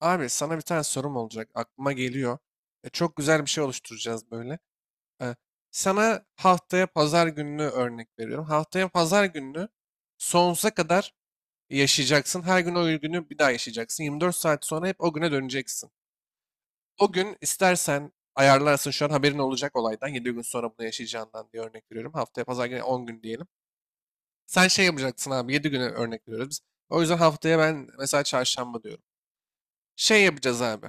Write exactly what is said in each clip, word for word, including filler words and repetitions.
Abi sana bir tane sorum olacak. Aklıma geliyor. E, çok güzel bir şey oluşturacağız böyle. E, sana haftaya pazar gününü örnek veriyorum. Haftaya pazar gününü sonsuza kadar yaşayacaksın. Her gün o günü bir daha yaşayacaksın. yirmi dört saat sonra hep o güne döneceksin. O gün istersen ayarlarsın şu an haberin olacak olaydan. yedi gün sonra bunu yaşayacağından diye örnek veriyorum. Haftaya pazar günü on gün diyelim. Sen şey yapacaksın abi, yedi güne örnek veriyoruz biz. O yüzden haftaya ben mesela çarşamba diyorum. Şey yapacağız abi.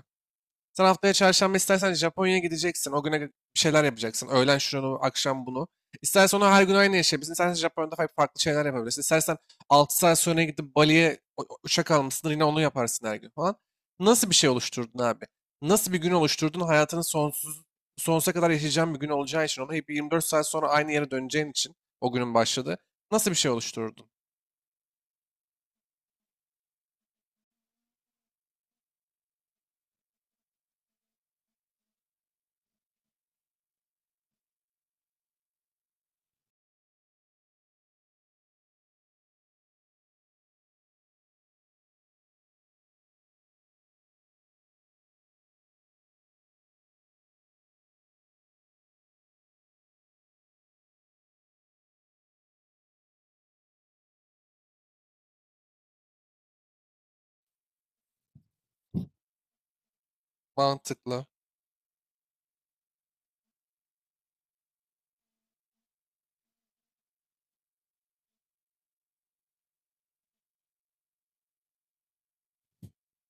Sen haftaya çarşamba istersen Japonya'ya gideceksin. O güne bir şeyler yapacaksın. Öğlen şunu, akşam bunu. İstersen onu her gün aynı yaşayabilirsin. İstersen Japonya'da fa- farklı şeyler yapabilirsin. İstersen altı saat sonra gidip Bali'ye o- o- uçak almışsın. Yine onu yaparsın her gün falan. Nasıl bir şey oluşturdun abi? Nasıl bir gün oluşturdun? Hayatının sonsuz, sonsuza kadar yaşayacağın bir gün olacağı için. Ona hep yirmi dört saat sonra aynı yere döneceğin için o günün başladı. Nasıl bir şey oluşturdun? Mantıklı.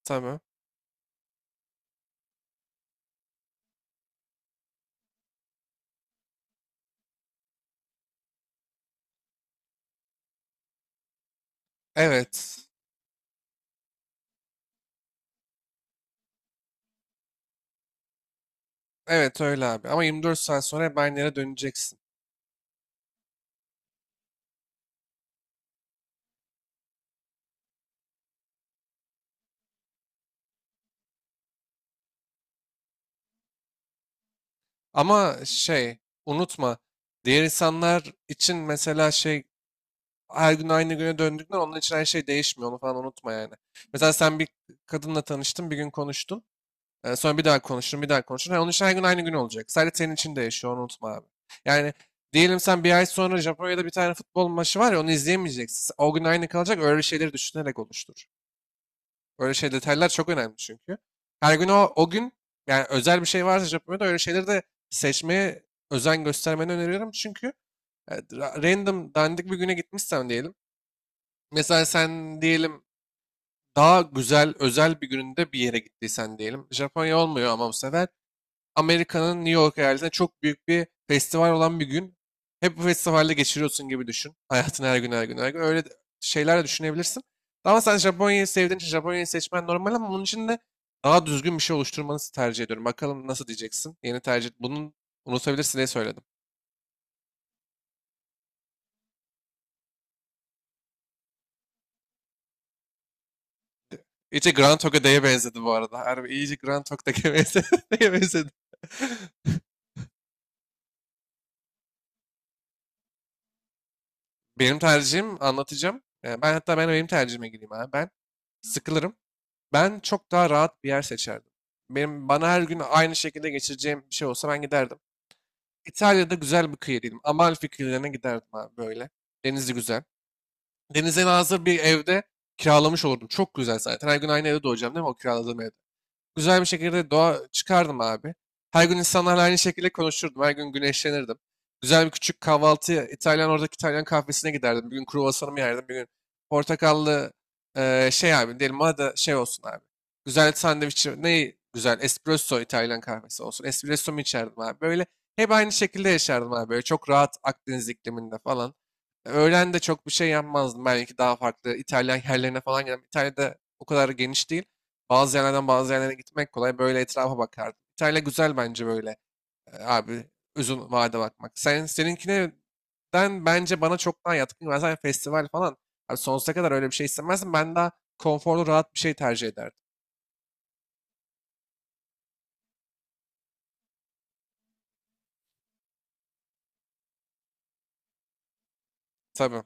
Tamam. Evet. Evet öyle abi. Ama yirmi dört saat sonra hep aynı yere döneceksin. Ama şey, unutma, diğer insanlar için mesela şey, her gün aynı güne döndükler onun için her şey değişmiyor, onu falan unutma yani. Mesela sen bir kadınla tanıştın, bir gün konuştun, e, sonra bir daha konuştun, bir daha konuştun. Ha, onun için her gün aynı gün olacak, sadece senin için değişiyor, onu unutma abi. Yani diyelim sen bir ay sonra Japonya'da bir tane futbol maçı var ya, onu izleyemeyeceksin, o gün aynı kalacak, öyle şeyleri düşünerek oluştur. Böyle şey detaylar çok önemli çünkü. Her gün o, o gün, yani özel bir şey varsa Japonya'da öyle şeyleri de seçmeye özen göstermeni öneriyorum. Çünkü e, ra- random dandik bir güne gitmişsen diyelim. Mesela sen diyelim daha güzel özel bir gününde bir yere gittiysen diyelim. Japonya olmuyor ama bu sefer Amerika'nın New York eyaletinde çok büyük bir festival olan bir gün. Hep bu festivalde geçiriyorsun gibi düşün. Hayatın her gün, her gün, her gün. Öyle de- şeyler de düşünebilirsin. Ama sen Japonya'yı sevdiğin için Japonya'yı seçmen normal, ama bunun için de daha düzgün bir şey oluşturmanızı tercih ediyorum. Bakalım nasıl diyeceksin. Yeni tercih. Bunun unutabilirsin diye söyledim. İyice Grand Togo'ya benzedi bu arada. Harbi iyice Grand Togo'ya benzedi. Neye benzedi? Benim tercihim, anlatacağım. Ee, Ben hatta ben benim tercihime gireyim abi. Ben sıkılırım. Ben çok daha rahat bir yer seçerdim. Benim bana her gün aynı şekilde geçireceğim bir şey olsa ben giderdim. İtalya'da güzel bir kıyı diyelim. Amalfi kıyılarına giderdim abi böyle. Denizi güzel. Denize nazır bir evde kiralamış olurdum. Çok güzel zaten. Her gün aynı evde doğacağım değil mi, o kiraladığım evde? Güzel bir şekilde doğa çıkardım abi. Her gün insanlarla aynı şekilde konuşurdum. Her gün güneşlenirdim. Güzel bir küçük kahvaltı, İtalyan, oradaki İtalyan kahvesine giderdim. Bir gün kruvasanımı yerdim. Bir gün portakallı, eee, şey abi, diyelim bana da şey olsun abi. Güzel sandviç, ne güzel espresso, İtalyan kahvesi olsun. Espresso mu içerdim abi? Böyle hep aynı şekilde yaşardım abi. Böyle çok rahat, Akdeniz ikliminde falan. Öğlen de çok bir şey yapmazdım. Belki daha farklı İtalyan yerlerine falan giderdim. İtalya'da o kadar geniş değil. Bazı yerlerden bazı yerlere gitmek kolay. Böyle etrafa bakardım. İtalya güzel bence böyle. e, Abi, uzun vade bakmak. Sen seninkine, ben, bence bana çok daha yatkın. Ben zaten festival falan. Abi sonsuza kadar öyle bir şey istemezdim. Ben daha konforlu, rahat bir şey tercih ederdim. Tabii.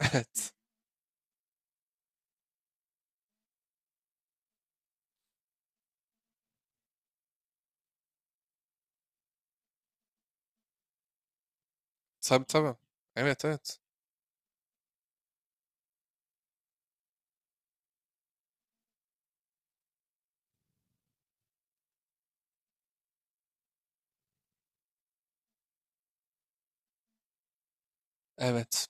Evet. Tabii tabii. Evet evet. Evet.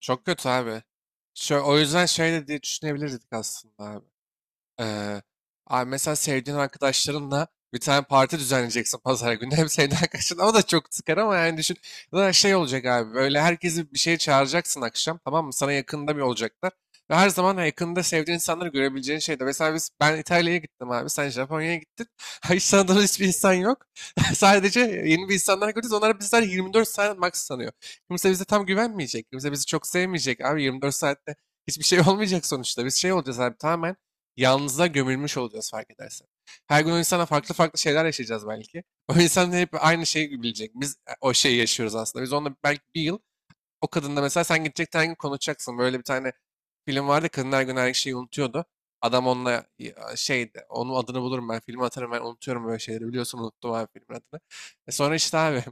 Çok kötü abi. Şö- o yüzden şey de diye düşünebilirdik aslında abi. Ee, abi mesela sevdiğin arkadaşlarınla bir tane parti düzenleyeceksin pazar günü. Hem sevdiğin arkadaşın, o da çok sıkar ama, yani düşün. Ya da şey olacak abi, böyle herkesi bir şeye çağıracaksın akşam, tamam mı? Sana yakında bir olacaklar. Ve her zaman yakında sevdiğin insanları görebileceğin şeyde. Mesela biz, ben İtalya'ya gittim abi. Sen Japonya'ya gittin. Hiç tanıdığın hiçbir insan yok. Sadece yeni bir insanlar görüyoruz. Onlar bizler yirmi dört saat max sanıyor. Kimse bize tam güvenmeyecek. Kimse bizi çok sevmeyecek. Abi yirmi dört saatte hiçbir şey olmayacak sonuçta. Biz şey olacağız abi, tamamen yalnızlığa gömülmüş olacağız fark edersen. Her gün o insana farklı farklı şeyler yaşayacağız belki. O insan hep aynı şeyi bilecek. Biz, e, o şeyi yaşıyoruz aslında. Biz onunla belki bir yıl, o kadında mesela sen gidecek her gün konuşacaksın. Böyle bir tane film vardı. Kadın her gün her şeyi unutuyordu. Adam onunla, ya, şeydi. Onun adını bulurum ben. Filmi atarım ben. Unutuyorum böyle şeyleri. Biliyorsun, unuttum abi filmin adını. E sonra işte abi,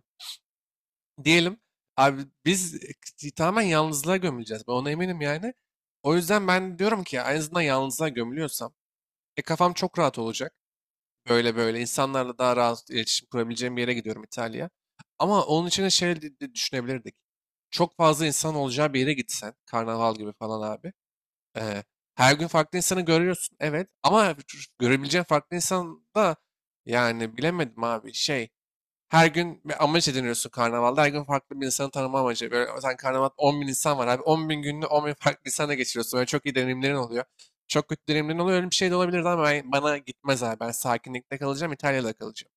diyelim abi, biz, e, tamamen yalnızlığa gömüleceğiz. Ben ona eminim yani. O yüzden ben diyorum ki en azından yalnızlığa gömülüyorsam, e kafam çok rahat olacak. Böyle böyle insanlarla daha rahat iletişim kurabileceğim bir yere gidiyorum, İtalya. Ama onun için de şey de- de düşünebilirdik. Çok fazla insan olacağı bir yere gitsen, karnaval gibi falan abi. Ee, her gün farklı insanı görüyorsun, evet. Ama görebileceğin farklı insan da, yani bilemedim abi şey. Her gün bir amaç ediniyorsun karnavalda. Her gün farklı bir insanı tanıma amacı. Böyle sen karnavalda on bin insan var abi. on bin gününü on bin farklı insanla geçiriyorsun. Böyle çok iyi deneyimlerin oluyor. Çok kötü deneyimlerin oluyor. Öyle bir şey de olabilirdi ama ben- bana gitmez abi. Ben sakinlikte kalacağım, İtalya'da kalacağım.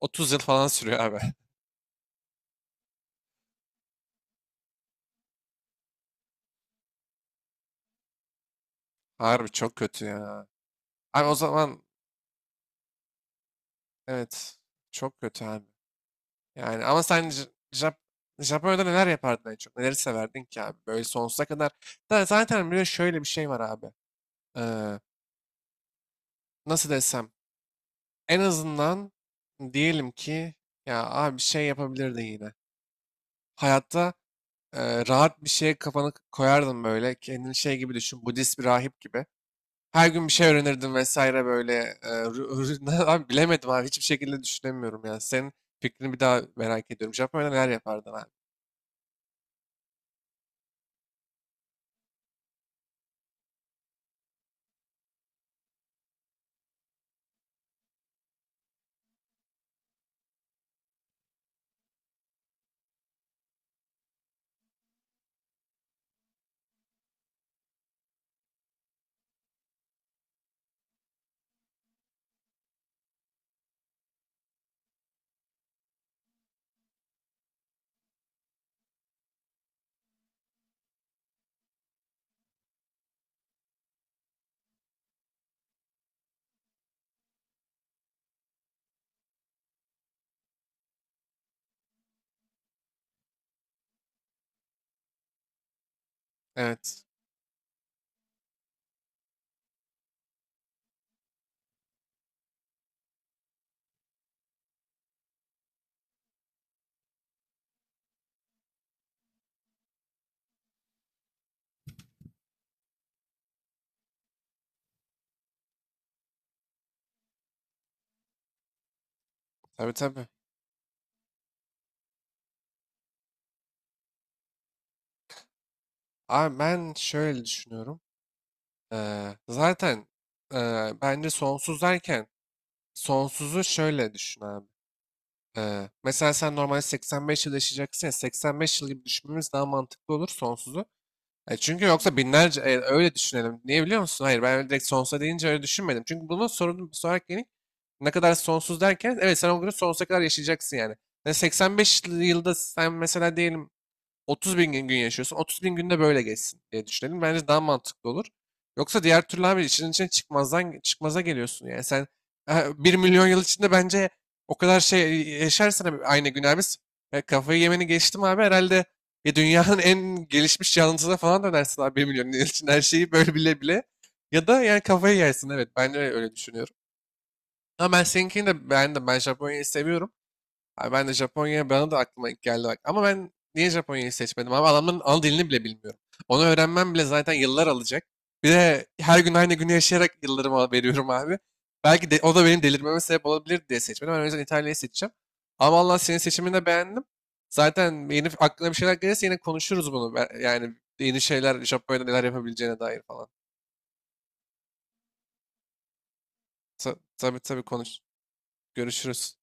otuz yıl falan sürüyor abi. Harbi çok kötü ya. Abi o zaman, evet, çok kötü abi. Yani ama sen J- Jap Japonya'da neler yapardın en çok? Neleri severdin ki abi? Böyle sonsuza kadar. Da zaten bir de şöyle bir şey var abi. Ee, nasıl desem? En azından diyelim ki, ya abi, bir şey yapabilirdin yine. Hayatta, e, rahat bir şeye kafanı koyardın böyle. Kendini şey gibi düşün. Budist bir rahip gibi. Her gün bir şey öğrenirdin vesaire böyle. e, rü- rü- abi bilemedim abi. Hiçbir şekilde düşünemiyorum ya. Senin fikrini bir daha merak ediyorum. Japonya'da neler yapardın abi? Evet. Tabii tabii. Abi ben şöyle düşünüyorum. Eee, zaten eee, bence sonsuz derken, sonsuzu şöyle düşün abi. Ee, mesela sen normalde seksen beş yıl yaşayacaksın ya, seksen beş yıl gibi düşünmemiz daha mantıklı olur sonsuzu. E, çünkü yoksa binlerce, e, öyle düşünelim. Niye biliyor musun? Hayır, ben öyle direkt sonsuza deyince öyle düşünmedim. Çünkü bunun, sorunun bir sonraki yeni, ne kadar sonsuz derken, evet, sen o günü sonsuza kadar yaşayacaksın yani. Yani seksen beş yılda sen mesela diyelim otuz bin gün yaşıyorsun. otuz bin günde böyle geçsin diye düşünelim. Bence daha mantıklı olur. Yoksa diğer türlü abi işin içine çıkmazdan çıkmaza geliyorsun yani. Sen, e, bir milyon yıl içinde bence o kadar şey yaşarsan abi, aynı gün abi, s- kafayı yemeni geçtim abi, herhalde ya dünyanın en gelişmiş canlısına falan dönersin abi, bir milyon yıl için her şeyi böyle bile bile. Ya da yani kafayı yersin, evet ben de öyle düşünüyorum. Ama ben seninkini de beğendim. Ben Japonya'yı seviyorum. Abi ben de Japonya, bana da aklıma ilk geldi bak. Ama ben niye Japonya'yı seçmedim abi? Adamın ana dilini bile bilmiyorum. Onu öğrenmem bile zaten yıllar alacak. Bir de her gün aynı günü yaşayarak yıllarımı veriyorum abi. Belki de o da benim delirmeme sebep olabilir diye seçmedim. Ben o yüzden İtalya'yı seçeceğim. Ama Allah, senin seçimini de beğendim. Zaten yeni aklına bir şeyler gelirse yine konuşuruz bunu. Ben- Yani yeni şeyler, Japonya'da neler yapabileceğine dair falan. Ta- tabii tabii, konuş. Görüşürüz.